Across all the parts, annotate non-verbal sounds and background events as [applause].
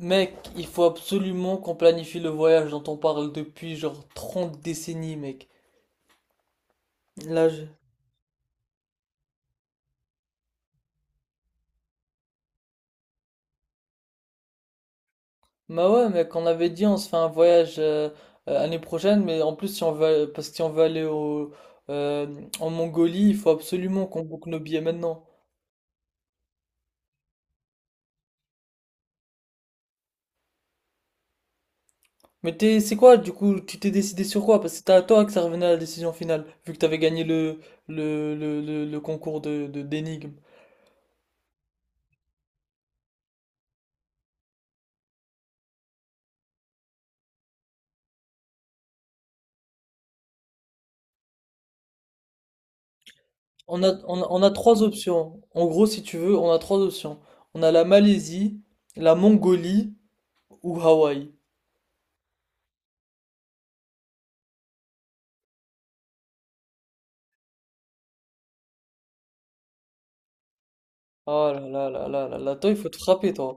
Mec, il faut absolument qu'on planifie le voyage dont on parle depuis genre 30 décennies, mec. Là, je. Bah ouais, mec, on avait dit on se fait un voyage l'année prochaine, mais en plus, si on veut, parce que si on veut aller euh, en Mongolie, il faut absolument qu'on boucle nos billets maintenant. C'est quoi, du coup, tu t'es décidé sur quoi? Parce que c'était à toi que ça revenait à la décision finale, vu que t'avais gagné le concours d'énigmes. On a trois options. En gros, si tu veux, on a trois options. On a la Malaisie, la Mongolie ou Hawaï. Oh là là là là là là, toi, il faut te frapper, toi.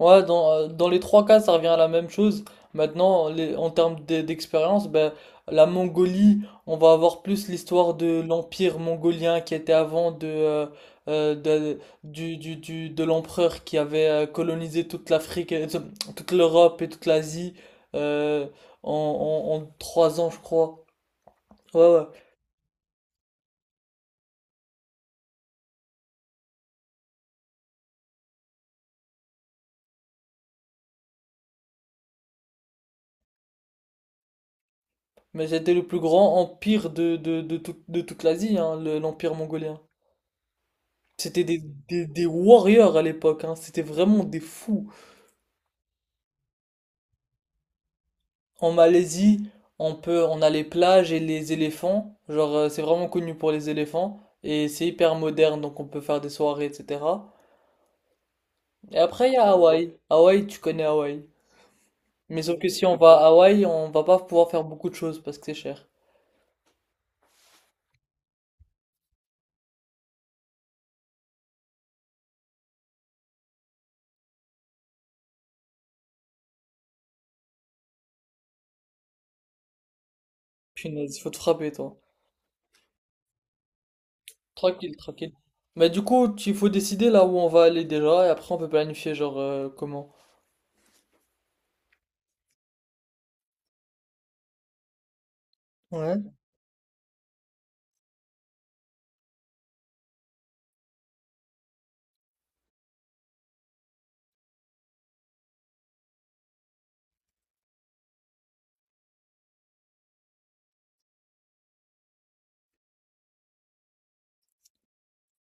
Ouais, dans les trois cas, ça revient à la même chose. Maintenant, en termes d'expérience, ben, la Mongolie, on va avoir plus l'histoire de l'empire mongolien qui était avant de, du- de l'empereur qui avait colonisé toute l'Afrique, toute l'Europe et toute l'Asie euh, en 3 ans, je crois. Ouais, ouais. Mais c'était le plus grand empire de toute l'Asie, hein, l'empire mongolien. C'était des warriors à l'époque, hein. C'était vraiment des fous. En Malaisie, on a les plages et les éléphants. Genre, c'est vraiment connu pour les éléphants. Et c'est hyper moderne, donc on peut faire des soirées, etc. Et après, il y a Hawaï. Hawaï, tu connais Hawaï. Mais sauf que si on va à Hawaï, on va pas pouvoir faire beaucoup de choses parce que c'est cher. Punaise, faut te frapper, toi. Tranquille, tranquille. Mais du coup, il faut décider là où on va aller déjà, et après on peut planifier, genre, comment. Ouais.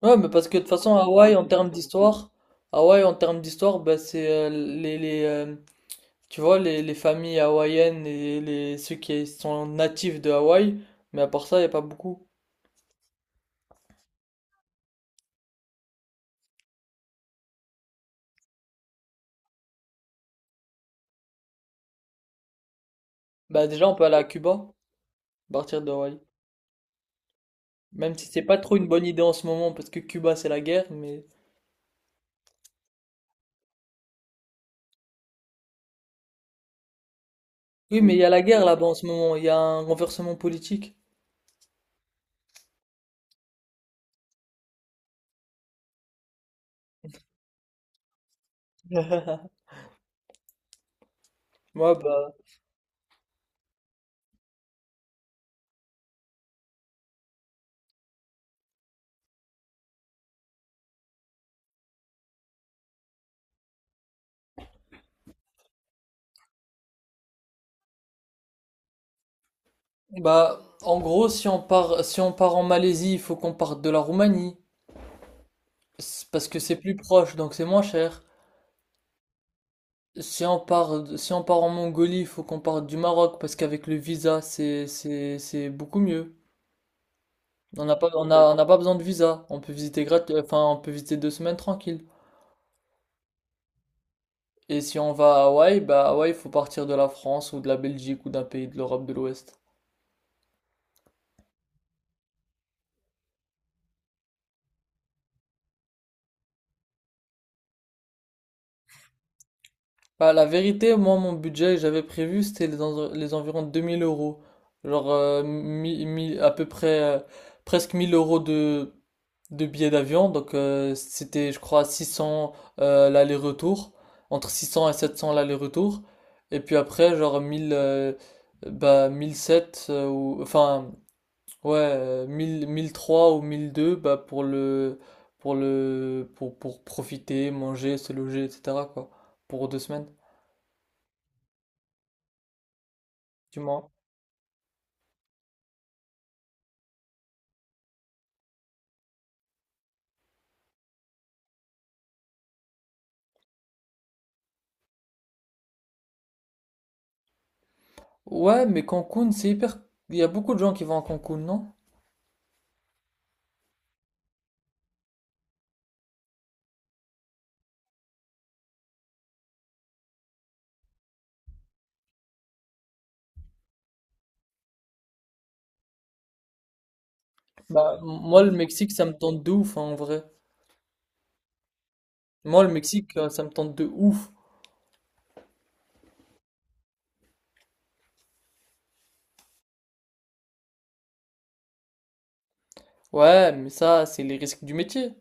Ouais, mais parce que de toute façon, Hawaï, en termes d'histoire, bah, c'est tu vois, les familles hawaïennes et ceux qui sont natifs de Hawaï, mais à part ça, il n'y a pas beaucoup. Bah, déjà, on peut aller à Cuba, à partir de Hawaï. Même si c'est pas trop une bonne idée en ce moment, parce que Cuba, c'est la guerre, mais. Oui, mais il y a la guerre là-bas en ce moment, il y a un renversement politique. [laughs] Ouais, bah, en gros, si on part en Malaisie, il faut qu'on parte de la Roumanie. C'est Parce que c'est plus proche, donc c'est moins cher. Si on part en Mongolie, il faut qu'on parte du Maroc, parce qu'avec le visa, c'est beaucoup mieux. On n'a pas besoin de visa. On peut visiter grat- enfin, on peut visiter 2 semaines tranquille. Et si on va à Hawaï, bah Hawaï, il faut partir de la France ou de la Belgique ou d'un pays de l'Europe de l'Ouest. Bah, la vérité, moi, mon budget, j'avais prévu, c'était les environs 2 000 euros. Genre, à peu près, presque 1 000 euros de billets d'avion. Donc, c'était, je crois, 600 l'aller-retour. Entre 600 et 700 l'aller-retour. Et puis après, genre 1000 bah, 1007, ou, enfin, ouais, mille trois ou 1002 bah, pour profiter, manger, se loger, etc., quoi. Pour 2 semaines, du moins. Ouais, mais Cancun, c'est hyper. Il y a beaucoup de gens qui vont à Cancun, non? Bah, moi, le Mexique, ça me tente de ouf, hein, en vrai. Moi, le Mexique, ça me tente de ouf. Ouais, mais ça, c'est les risques du métier.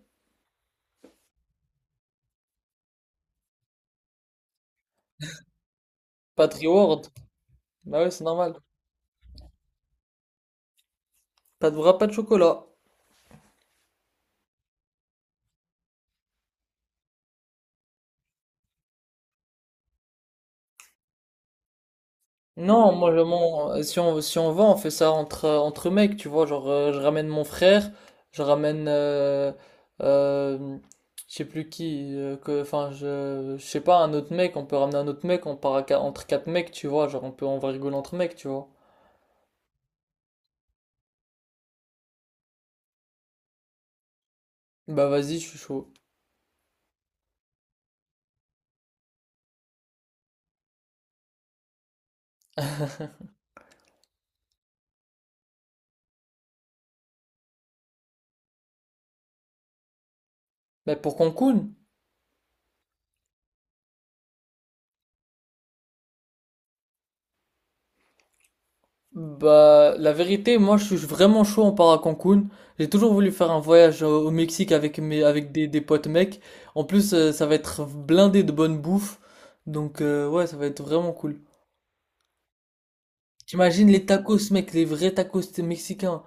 Pas de reward. Bah ouais, c'est normal. Pas de bras, pas de chocolat. Non, moi, si on va, on fait ça entre mecs, tu vois. Genre, je ramène mon frère, je ramène, euh, euh, je sais plus qui, enfin, je sais pas, un autre mec, on peut ramener un autre mec, on part entre quatre mecs, tu vois. Genre, on va rigoler entre mecs, tu vois. Bah vas-y, je suis chaud. Mais pour Cancun? Bah, la vérité, moi, je suis vraiment chaud, on part à Cancun. J'ai toujours voulu faire un voyage au Mexique avec des potes mecs. En plus, ça va être blindé de bonne bouffe. Donc, ouais, ça va être vraiment cool. T'imagines les tacos, mec, les vrais tacos mexicains.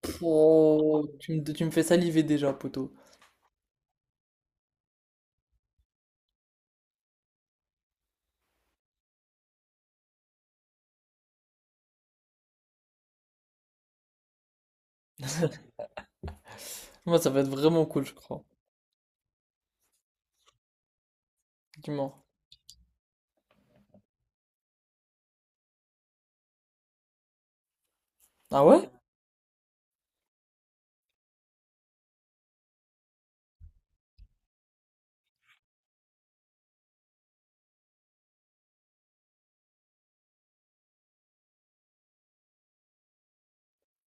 Pff, oh, tu me fais saliver déjà, poto. Moi, ça va être vraiment cool, je crois. Dis-moi. Ah ouais?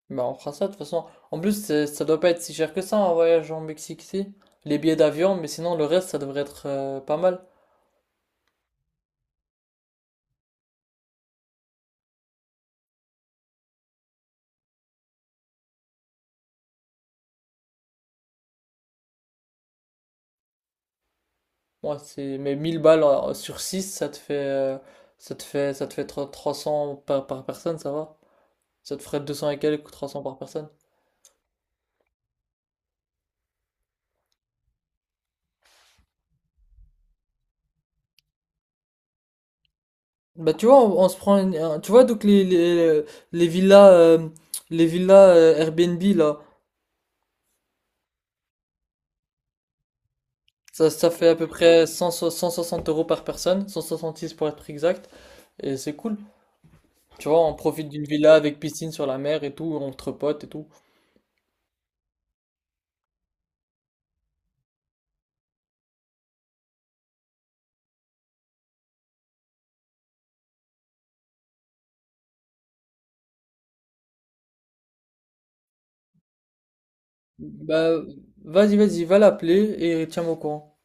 Bah, on fera ça, de toute façon. En plus, ça doit pas être si cher que ça, un voyage en Mexique, si. Les billets d'avion, mais sinon, le reste, ça devrait être pas mal. Ouais, c'est mais 1 000 balles sur 6 ça te fait 300 par personne, ça va? Ça te ferait 200 et quelques, 300 par personne. Bah tu vois, on se prend tu vois donc les villas euh, les villas Airbnb là, ça fait à peu près 160 euros par personne, 166 pour être exact et c'est cool. Tu vois, on profite d'une villa avec piscine sur la mer et tout, entre potes et tout. Bah vas-y, vas-y, va l'appeler et tiens-moi au courant.